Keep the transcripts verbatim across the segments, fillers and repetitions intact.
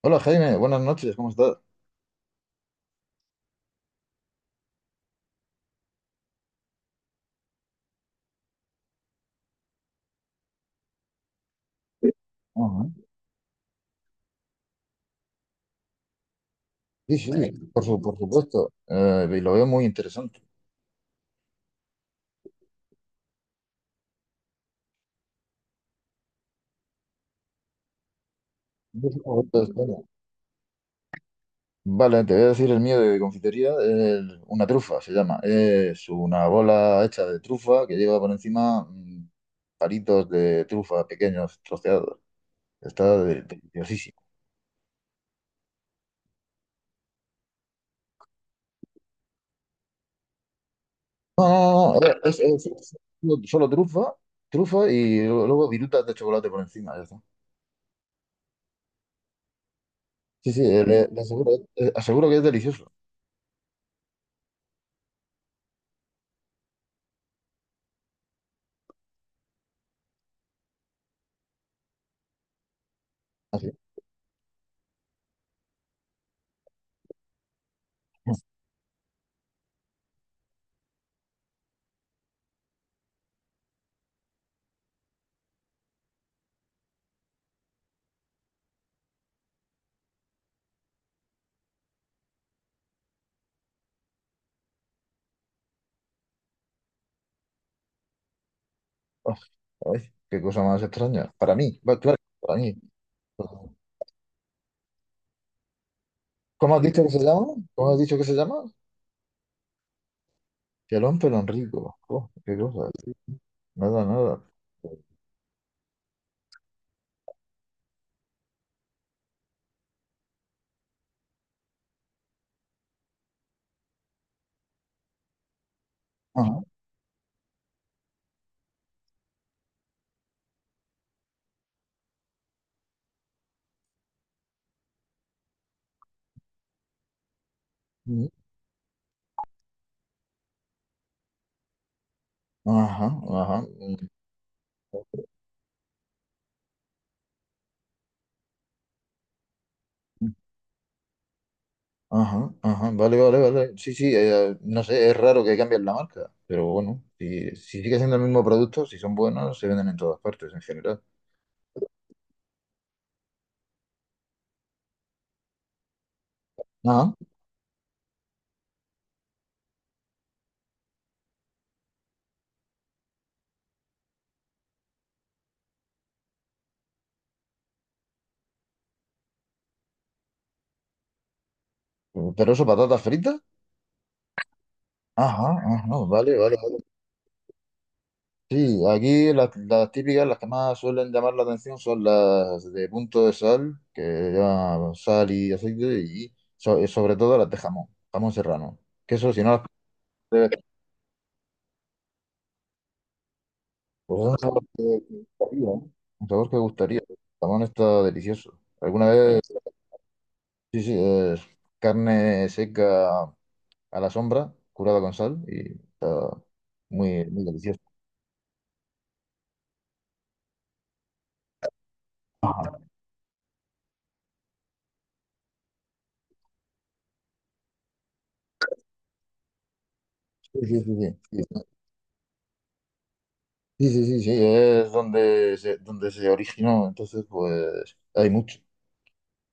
Hola Jaime, buenas noches, ¿cómo estás? Ajá. Sí, sí, bueno, por su- por supuesto, eh, y lo veo muy interesante. ¿Cuál es tu favorito de España? Vale, te voy a decir el mío de confitería, el- una trufa se llama. Es una bola hecha de trufa que lleva por encima, mm, palitos de trufa pequeños, troceados. Está de- deliciosísimo. No, no, no, no, es, es- es solo solo trufa, trufa y luego virutas de chocolate por encima, ya está. Sí, sí, eh, le, le aseguro, eh, aseguro que es delicioso. Así. Uf, ay, qué cosa más extraña. Para mí, va, claro, para mí. ¿Cómo has dicho que se llama? ¿Cómo has dicho que se llama? Pelón, pelón rico. Oh, qué cosa. Nada, nada. Ajá, mm, ajá, ajá, mm, ajá, ajá. Vale, vale, vale. Sí, sí, eh, no sé, es raro que cambien la marca, pero bueno, si si sigue siendo el mismo producto, si son buenos, se venden en todas partes en general. Ajá, pero eso, patatas fritas. Ajá, ajá, vale, vale. Sí, aquí las, las típicas, las que más suelen llamar la atención son las de punto de sal, que llevan sal y aceite, y so- y sobre todo las de jamón, jamón serrano. Que eso, si no las pruebas, pues es un sabor que gustaría, ¿eh? Un sabor que gustaría. El jamón está delicioso. Alguna vez, sí, sí, es carne seca a la sombra, curada con sal, y está muy, muy delicioso. Sí, sí, sí, sí. Sí, sí, sí, sí, es donde se donde se originó. Entonces, pues hay mucho,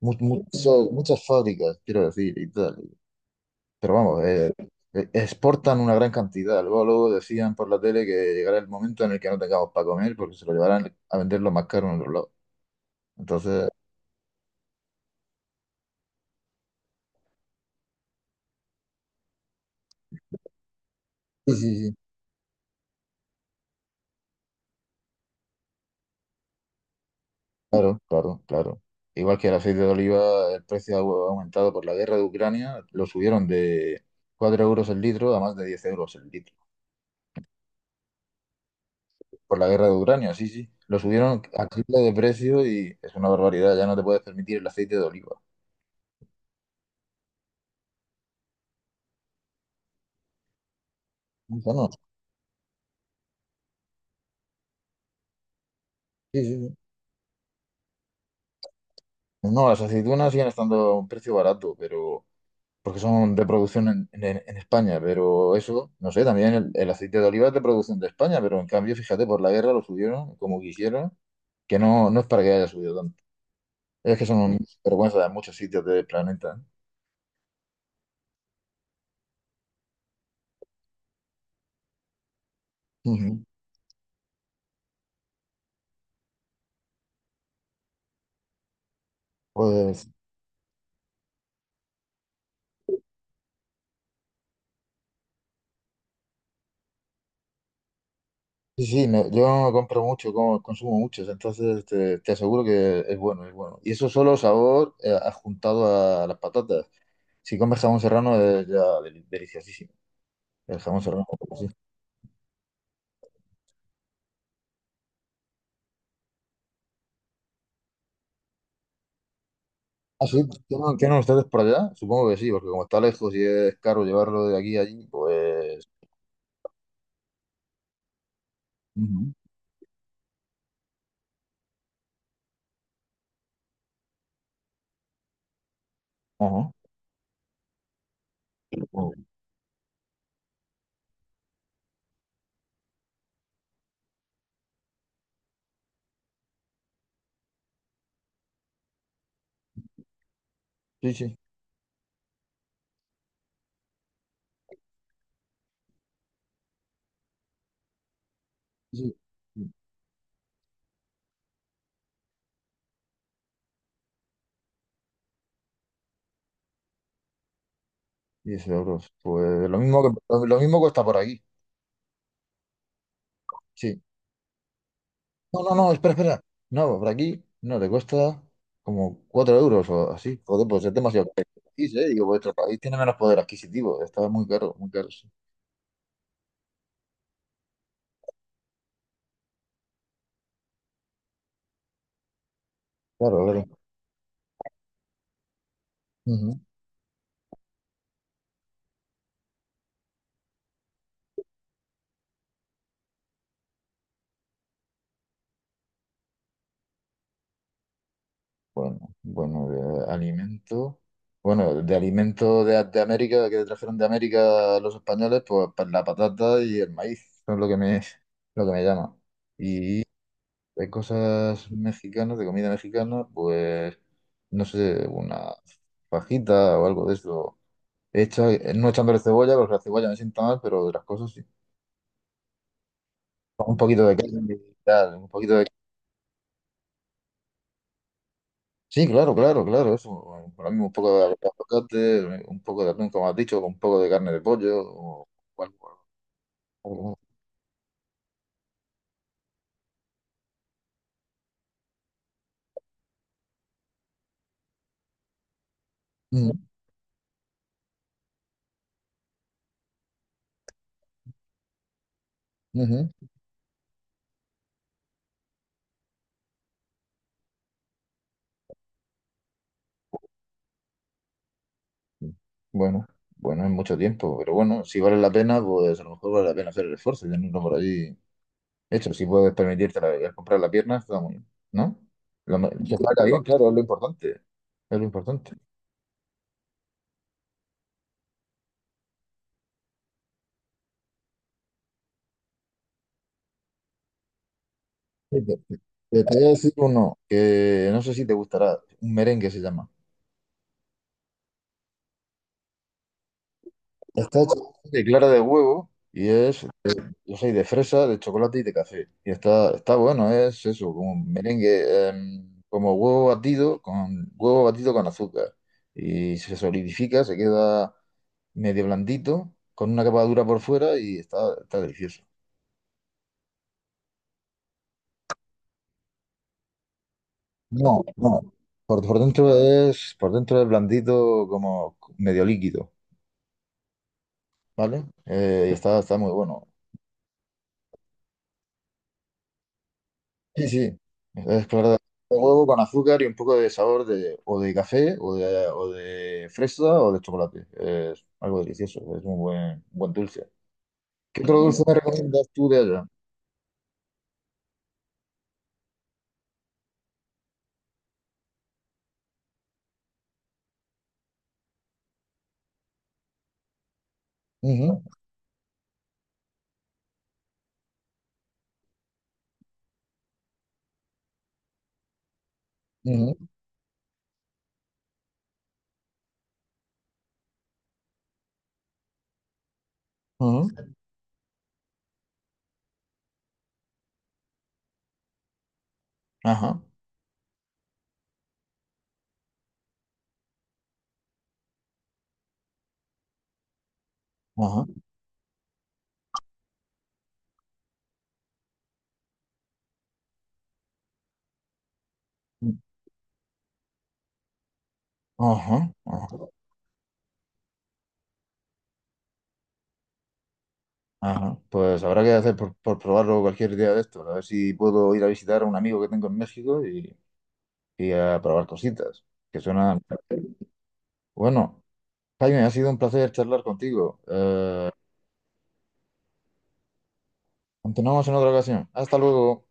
mu- mucho- muchas fábricas, quiero decir, y tal. Pero vamos, eh, eh, exportan una gran cantidad. Luego, luego decían por la tele que llegará el momento en el que no tengamos para comer porque se lo llevarán a venderlo más caro en otro lado. Entonces, sí, sí, sí, claro, claro, claro. Igual que el aceite de oliva, el precio ha au- aumentado por la guerra de Ucrania, lo subieron de cuatro euros el litro a más de diez euros el litro. Por la guerra de Ucrania, sí, sí. Lo subieron al triple de precio y es una barbaridad. Ya no te puedes permitir el aceite de oliva. Bueno, sí, sí, sí. No, las aceitunas siguen estando a un precio barato, pero porque son de producción en, en- en España. Pero eso, no sé, también el, el aceite de oliva es de producción de España, pero en cambio, fíjate, por la guerra lo subieron como quisieron, que no, no es para que haya subido tanto. Es que son un vergüenza de muchos sitios del planeta, ¿eh? Ujú. Pues sí, sí, no, yo compro mucho, como- consumo muchos, entonces te, te aseguro que es bueno, es bueno. Y eso, solo sabor, eh, adjuntado a las patatas. Si comes jamón serrano es ya deli- deliciosísimo. El jamón serrano. Sí. Ah, sí, ¿tienen, tienen ustedes por allá? Supongo que sí, porque como está lejos y es caro llevarlo de aquí a allí, pues... Ujú, ajá. Sí, sí, sí. Sí. diez euros. Pues lo mismo que, lo mismo cuesta por aquí. Sí. No, no, no, espera, espera. No, por aquí no, te cuesta como cuatro euros o así. Joder, pues es demasiado caro este país, ¿eh? Digo, vuestro país tiene menos poder adquisitivo. Está muy caro, muy caro, sí. Claro, claro. Ujú. Bueno, bueno, de alimento. Bueno, de alimento de, de América, que trajeron de América los españoles, pues pa- la patata y el maíz son lo que me, lo que me llama. Y de cosas mexicanas, de comida mexicana, pues no sé, una fajita o algo de eso hecha, eh, no echándole cebolla, porque la cebolla me sienta mal, pero de las cosas sí. Un poquito de carne, y tal, un poquito de... Sí, claro, claro, claro, eso. Bueno, para mí un poco de aguacate, eh, un poco de atún, como has dicho, un poco de carne de pollo, o algo- algo. Mm, ujú. Bueno, bueno, es mucho tiempo, pero bueno, si vale la pena, pues a lo mejor vale la pena hacer el esfuerzo y tenerlo por allí hecho. Si puedes permitirte la- el comprar la pierna, está muy bien, ¿no? Lo, me- que salga bien, claro, es lo importante. Es lo importante. Fíjate, te te voy a decir uno que no sé si te gustará, un merengue se llama. Está hecho de clara de huevo y es, yo soy de fresa, de chocolate y de café. Y está, está bueno, es eso, como un merengue, em, como huevo batido con huevo batido con azúcar. Y se solidifica, se queda medio blandito, con una capa dura por fuera y está, está delicioso. No, no. Por, por dentro es, por dentro es blandito como medio líquido. ¿Vale? Eh, y está, está muy bueno. Sí, sí, es claro. Huevo con azúcar y un poco de sabor de, o de café, o de o de fresa, o de chocolate. Es algo delicioso, es un buen, buen dulce. ¿Qué otro dulce me recomiendas tú de allá? Ujú, ujú, ujú. Ajá, ajá, ajá, ajá, ajá. Pues habrá que hacer por, por probarlo cualquier día de estos. A ver si puedo ir a visitar a un amigo que tengo en México y, y a probar cositas. Que suena. Bueno. Jaime, ha sido un placer charlar contigo. Eh, continuamos en otra ocasión. Hasta luego.